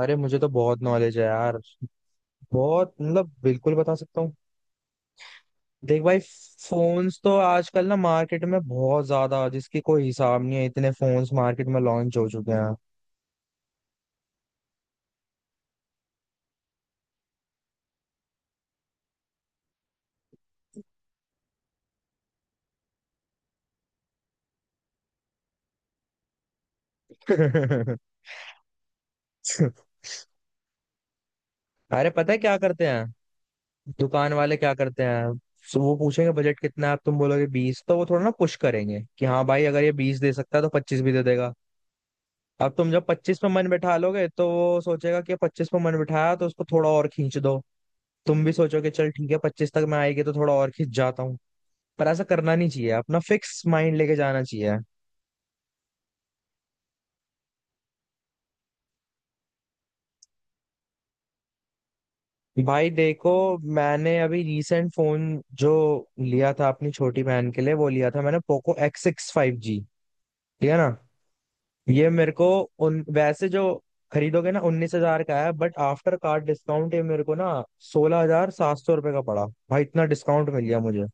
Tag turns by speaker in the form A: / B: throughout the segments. A: अरे मुझे तो बहुत नॉलेज है यार। बहुत मतलब बिल्कुल बता सकता हूँ। देख भाई, फोन्स तो आजकल ना मार्केट में बहुत ज्यादा, जिसकी कोई हिसाब नहीं है, इतने फोन्स मार्केट में लॉन्च हो चुके हैं। अरे पता है क्या करते हैं दुकान वाले, क्या करते हैं। सो वो पूछेंगे बजट कितना है। अब तुम बोलोगे बीस, तो वो थोड़ा ना पुश करेंगे कि हाँ भाई, अगर ये बीस दे सकता है तो पच्चीस भी दे देगा। अब तुम जब पच्चीस पे मन बैठा लोगे, तो वो सोचेगा कि पच्चीस पे मन बिठाया तो उसको थोड़ा और खींच दो। तुम भी सोचो कि चल ठीक है पच्चीस तक मैं आएगी तो थोड़ा और खिंच जाता हूँ। पर ऐसा करना नहीं चाहिए, अपना फिक्स माइंड लेके जाना चाहिए। भाई देखो, मैंने अभी रिसेंट फोन जो लिया था अपनी छोटी बहन के लिए, वो लिया था मैंने Poco X six five G. ठीक है ना। ये मेरे को उन वैसे जो खरीदोगे ना 19,000 का है, बट आफ्टर कार्ड डिस्काउंट ये मेरे को ना ₹16,700 का पड़ा। भाई इतना डिस्काउंट मिल गया मुझे।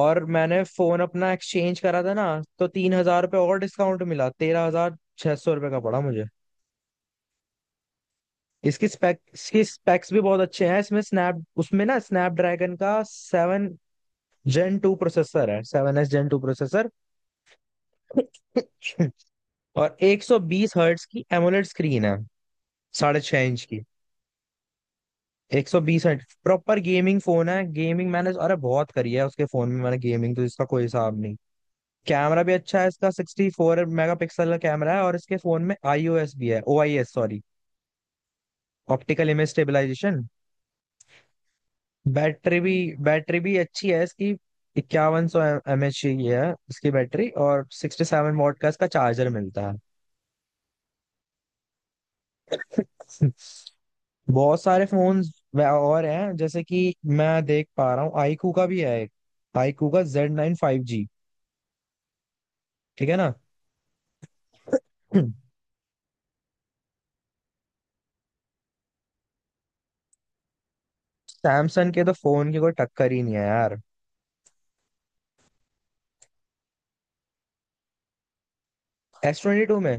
A: और मैंने फोन अपना एक्सचेंज करा था ना, तो ₹3,000 और डिस्काउंट मिला, ₹13,600 का पड़ा मुझे। इसकी स्पेक्स भी बहुत अच्छे हैं। इसमें स्नैप उसमें ना स्नैपड्रैगन का 7 Gen 2 प्रोसेसर है, 7s Gen 2 प्रोसेसर। और 120 हर्ट्स की एमोलेड स्क्रीन है, 6.5 इंच की। 120 हर्ट, प्रॉपर गेमिंग फोन है। गेमिंग मैंने अरे बहुत करी है उसके फोन में, मैंने गेमिंग तो इसका कोई हिसाब नहीं। कैमरा भी अच्छा है इसका, 64 मेगा पिक्सल का कैमरा है। और इसके फोन में आईओएस भी है, OIS sorry, optical image stabilization. Battery भी बैटरी भी अच्छी है इसकी। 5,100 mAh की है इसकी बैटरी, और 67 वॉट का इसका चार्जर मिलता है। बहुत सारे फोन और हैं जैसे कि मैं देख पा रहा हूँ। आईकू का भी है एक, आईकू का Z9 फाइव जी। ठीक है ना। सैमसंग के तो फोन की कोई टक्कर ही नहीं है यार। S22 में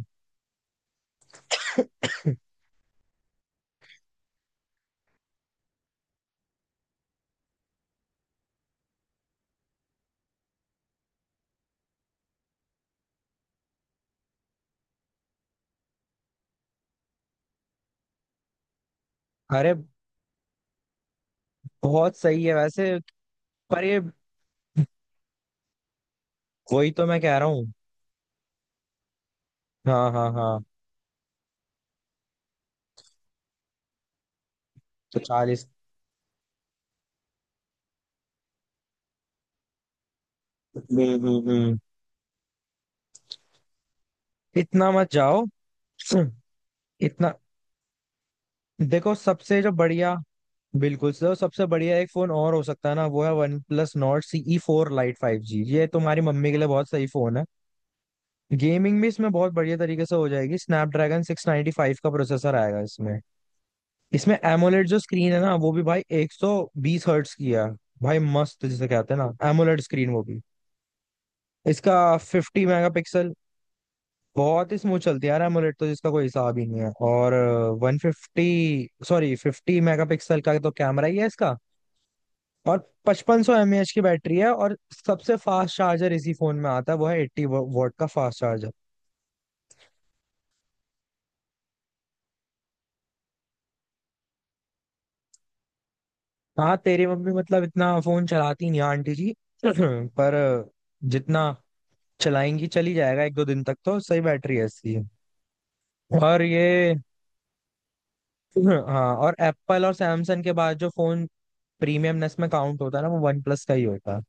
A: अरे बहुत सही है वैसे। पर ये, वही तो मैं कह रहा हूँ। हाँ हाँ हाँ। तो चालीस। हम्म हम्म हम्म। इतना मत जाओ। हम्म। इतना, देखो सबसे जो बढ़िया, बिल्कुल सर, सबसे बढ़िया एक फोन और हो सकता है ना, वो है OnePlus Nord CE four Lite five G. ये तुम्हारी मम्मी के लिए बहुत सही फोन है। गेमिंग भी इसमें बहुत बढ़िया तरीके से हो जाएगी। स्नैपड्रैगन 695 का प्रोसेसर आएगा इसमें। इसमें एमोलेड जो स्क्रीन है ना, वो भी भाई 120 हर्ट्स की है। भाई मस्त, जिसे कहते हैं ना एमोलेड स्क्रीन, वो भी। इसका 50 मेगापिक्सल, बहुत ही स्मूथ चलती है यार AMOLED तो, जिसका कोई हिसाब ही नहीं है। और 150 सॉरी, 50 मेगापिक्सल का तो कैमरा ही है इसका। और 5,500 mAh की बैटरी है। और सबसे फास्ट चार्जर इसी फोन में आता है, वो है 80 वॉट का फास्ट चार्जर। हाँ, तेरी मम्मी मतलब इतना फोन चलाती नहीं है आंटी जी। पर uh, जितना चलाएंगी चली जाएगा, एक दो दिन तक तो सही बैटरी है इसकी। और ये हाँ, और एप्पल और सैमसंग के बाद जो फोन प्रीमियमनेस में काउंट होता है ना, वो वन प्लस का ही होता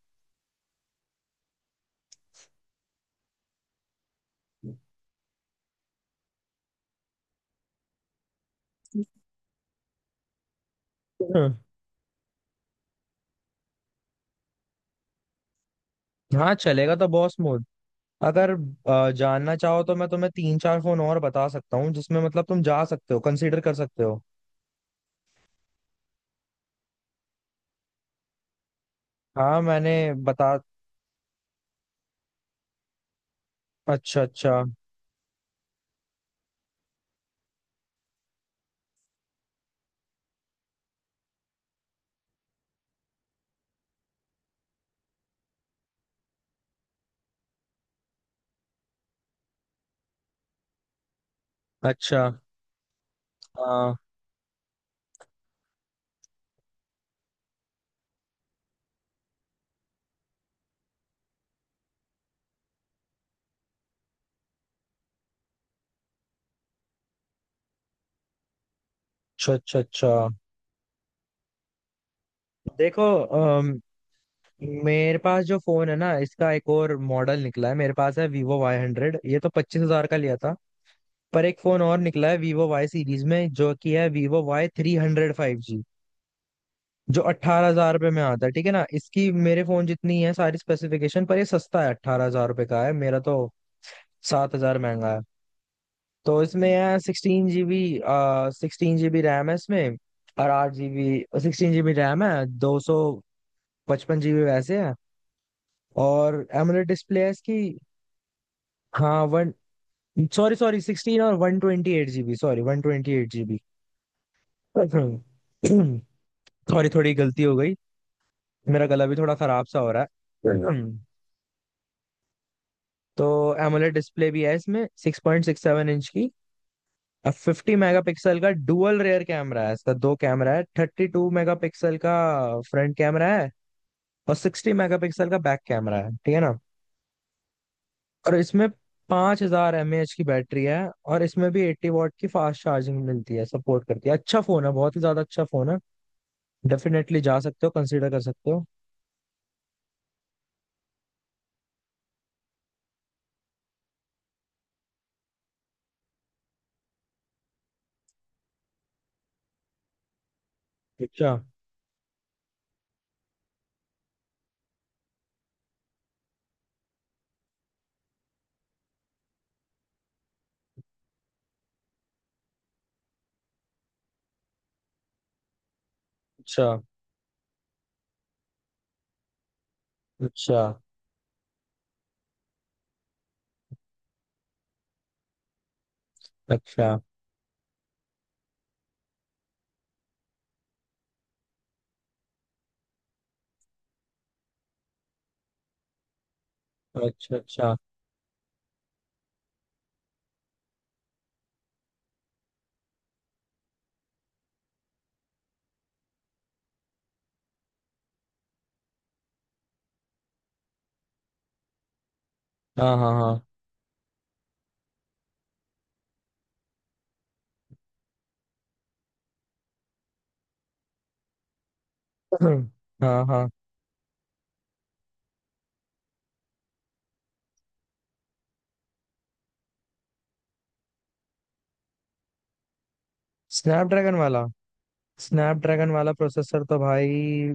A: है। हाँ, चलेगा तो बॉस मोड। अगर जानना चाहो तो मैं तुम्हें तीन चार फोन और बता सकता हूँ, जिसमें मतलब तुम जा सकते हो, कंसीडर कर सकते हो। हाँ मैंने बता अच्छा अच्छा अच्छा। हाँ, अच्छा अच्छा अच्छा। देखो मेरे पास जो फोन है ना, इसका एक और मॉडल निकला है। मेरे पास है वीवो वाई हंड्रेड, ये तो 25,000 का लिया था। पर एक फोन और निकला है वीवो वाई सीरीज में, जो कि है वीवो Y300 फाइव जी। जो ₹18,000 में आता है, ठीक है ना। इसकी मेरे फोन जितनी है सारी स्पेसिफिकेशन, पर ये सस्ता है, ₹18,000 का है, मेरा तो 7,000 महंगा है। तो इसमें है 16 GB, 16 GB रैम है इसमें। और 8 GB, सिक्सटीन जीबी रैम है, 256 GB वैसे है। और एमोलेड डिस्प्ले है इसकी। हाँ वन सॉरी, सॉरी 16, और 128 GB, सॉरी 128 GB। सॉरी। थोड़ी गलती हो गई, मेरा गला भी थोड़ा खराब सा हो रहा है। तो एमोलेड डिस्प्ले भी है इसमें, 6.67 इंच की। अब 50 मेगापिक्सल का डुअल रेयर कैमरा है इसका, दो कैमरा है, 32 मेगापिक्सल का फ्रंट कैमरा है, और 60 मेगापिक्सल का बैक कैमरा है। ठीक है ना। और इसमें 5,000 mAh की बैटरी है। और इसमें भी 80 वॉट की फास्ट चार्जिंग मिलती है, सपोर्ट करती है। अच्छा फोन है, बहुत ही ज्यादा अच्छा फोन है, डेफिनेटली जा सकते हो, कंसिडर कर सकते हो। अच्छा अच्छा अच्छा। अच्छा अच्छा अच्छा। हाँ हाँ हाँ। हाँ हाँ। स्नैपड्रैगन वाला स्नैपड्रैगन वाला प्रोसेसर तो भाई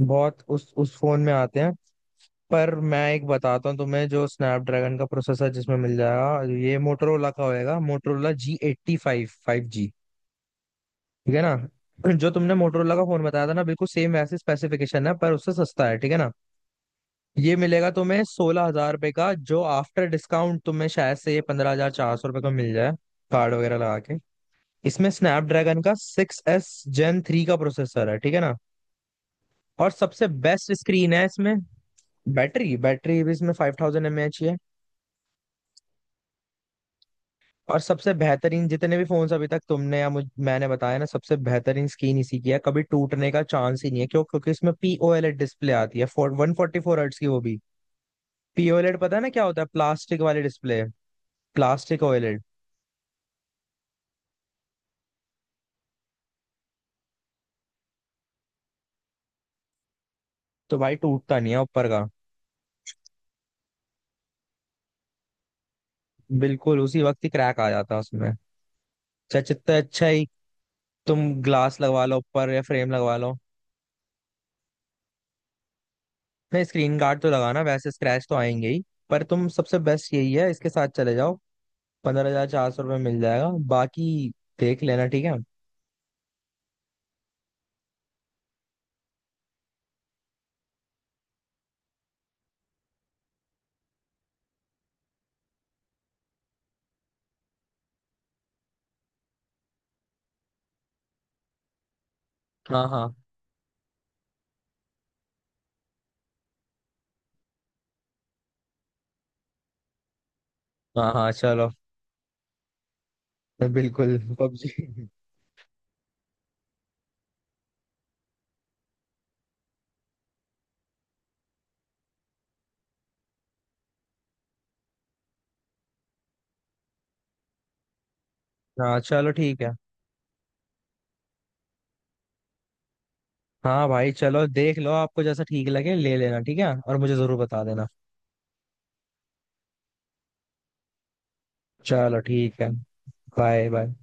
A: बहुत उस फोन में आते हैं। पर मैं एक बताता हूँ तुम्हें, जो स्नैपड्रैगन का प्रोसेसर जिसमें मिल जाएगा, ये मोटरोला का होएगा, मोटरोला G85 फाइव जी। ठीक है ना। जो तुमने मोटरोला का फोन बताया था ना, बिल्कुल सेम वैसे स्पेसिफिकेशन है, पर उससे सस्ता है। ठीक है ना। ये मिलेगा तुम्हें ₹16,000 का, जो आफ्टर डिस्काउंट तुम्हें शायद से ये ₹15,400 का मिल जाए कार्ड वगैरह लगा के। इसमें स्नैपड्रैगन का 6s Gen 3 का प्रोसेसर है, ठीक है ना। और सबसे बेस्ट स्क्रीन है इसमें। बैटरी बैटरी भी इसमें 5,000 mAh है। और सबसे बेहतरीन, जितने भी फोन्स अभी तक तुमने या मुझ मैंने बताया ना, सबसे बेहतरीन स्क्रीन इसी की है। कभी टूटने का चांस ही नहीं है। क्यों? क्योंकि इसमें पीओएलईडी डिस्प्ले आती है, 144 हर्ट्स की, वो भी। पीओएलईडी पता है ना क्या होता है? प्लास्टिक वाली डिस्प्ले, प्लास्टिक ओएलईडी। तो भाई टूटता नहीं है ऊपर का। बिल्कुल उसी वक्त ही क्रैक आ जाता है उसमें, चाहे जितना अच्छा ही तुम ग्लास लगवा लो ऊपर, या फ्रेम लगवा लो। नहीं, स्क्रीन गार्ड तो लगाना, वैसे स्क्रैच तो आएंगे ही। पर तुम, सबसे बेस्ट यही है, इसके साथ चले जाओ। ₹15,400 मिल जाएगा। बाकी देख लेना, ठीक है। हाँ हाँ हाँ। हाँ चलो, बिल्कुल पबजी। हाँ चलो ठीक है। हाँ भाई चलो, देख लो, आपको जैसा ठीक लगे ले लेना, ठीक है। और मुझे जरूर बता देना। चलो ठीक है। Bye bye.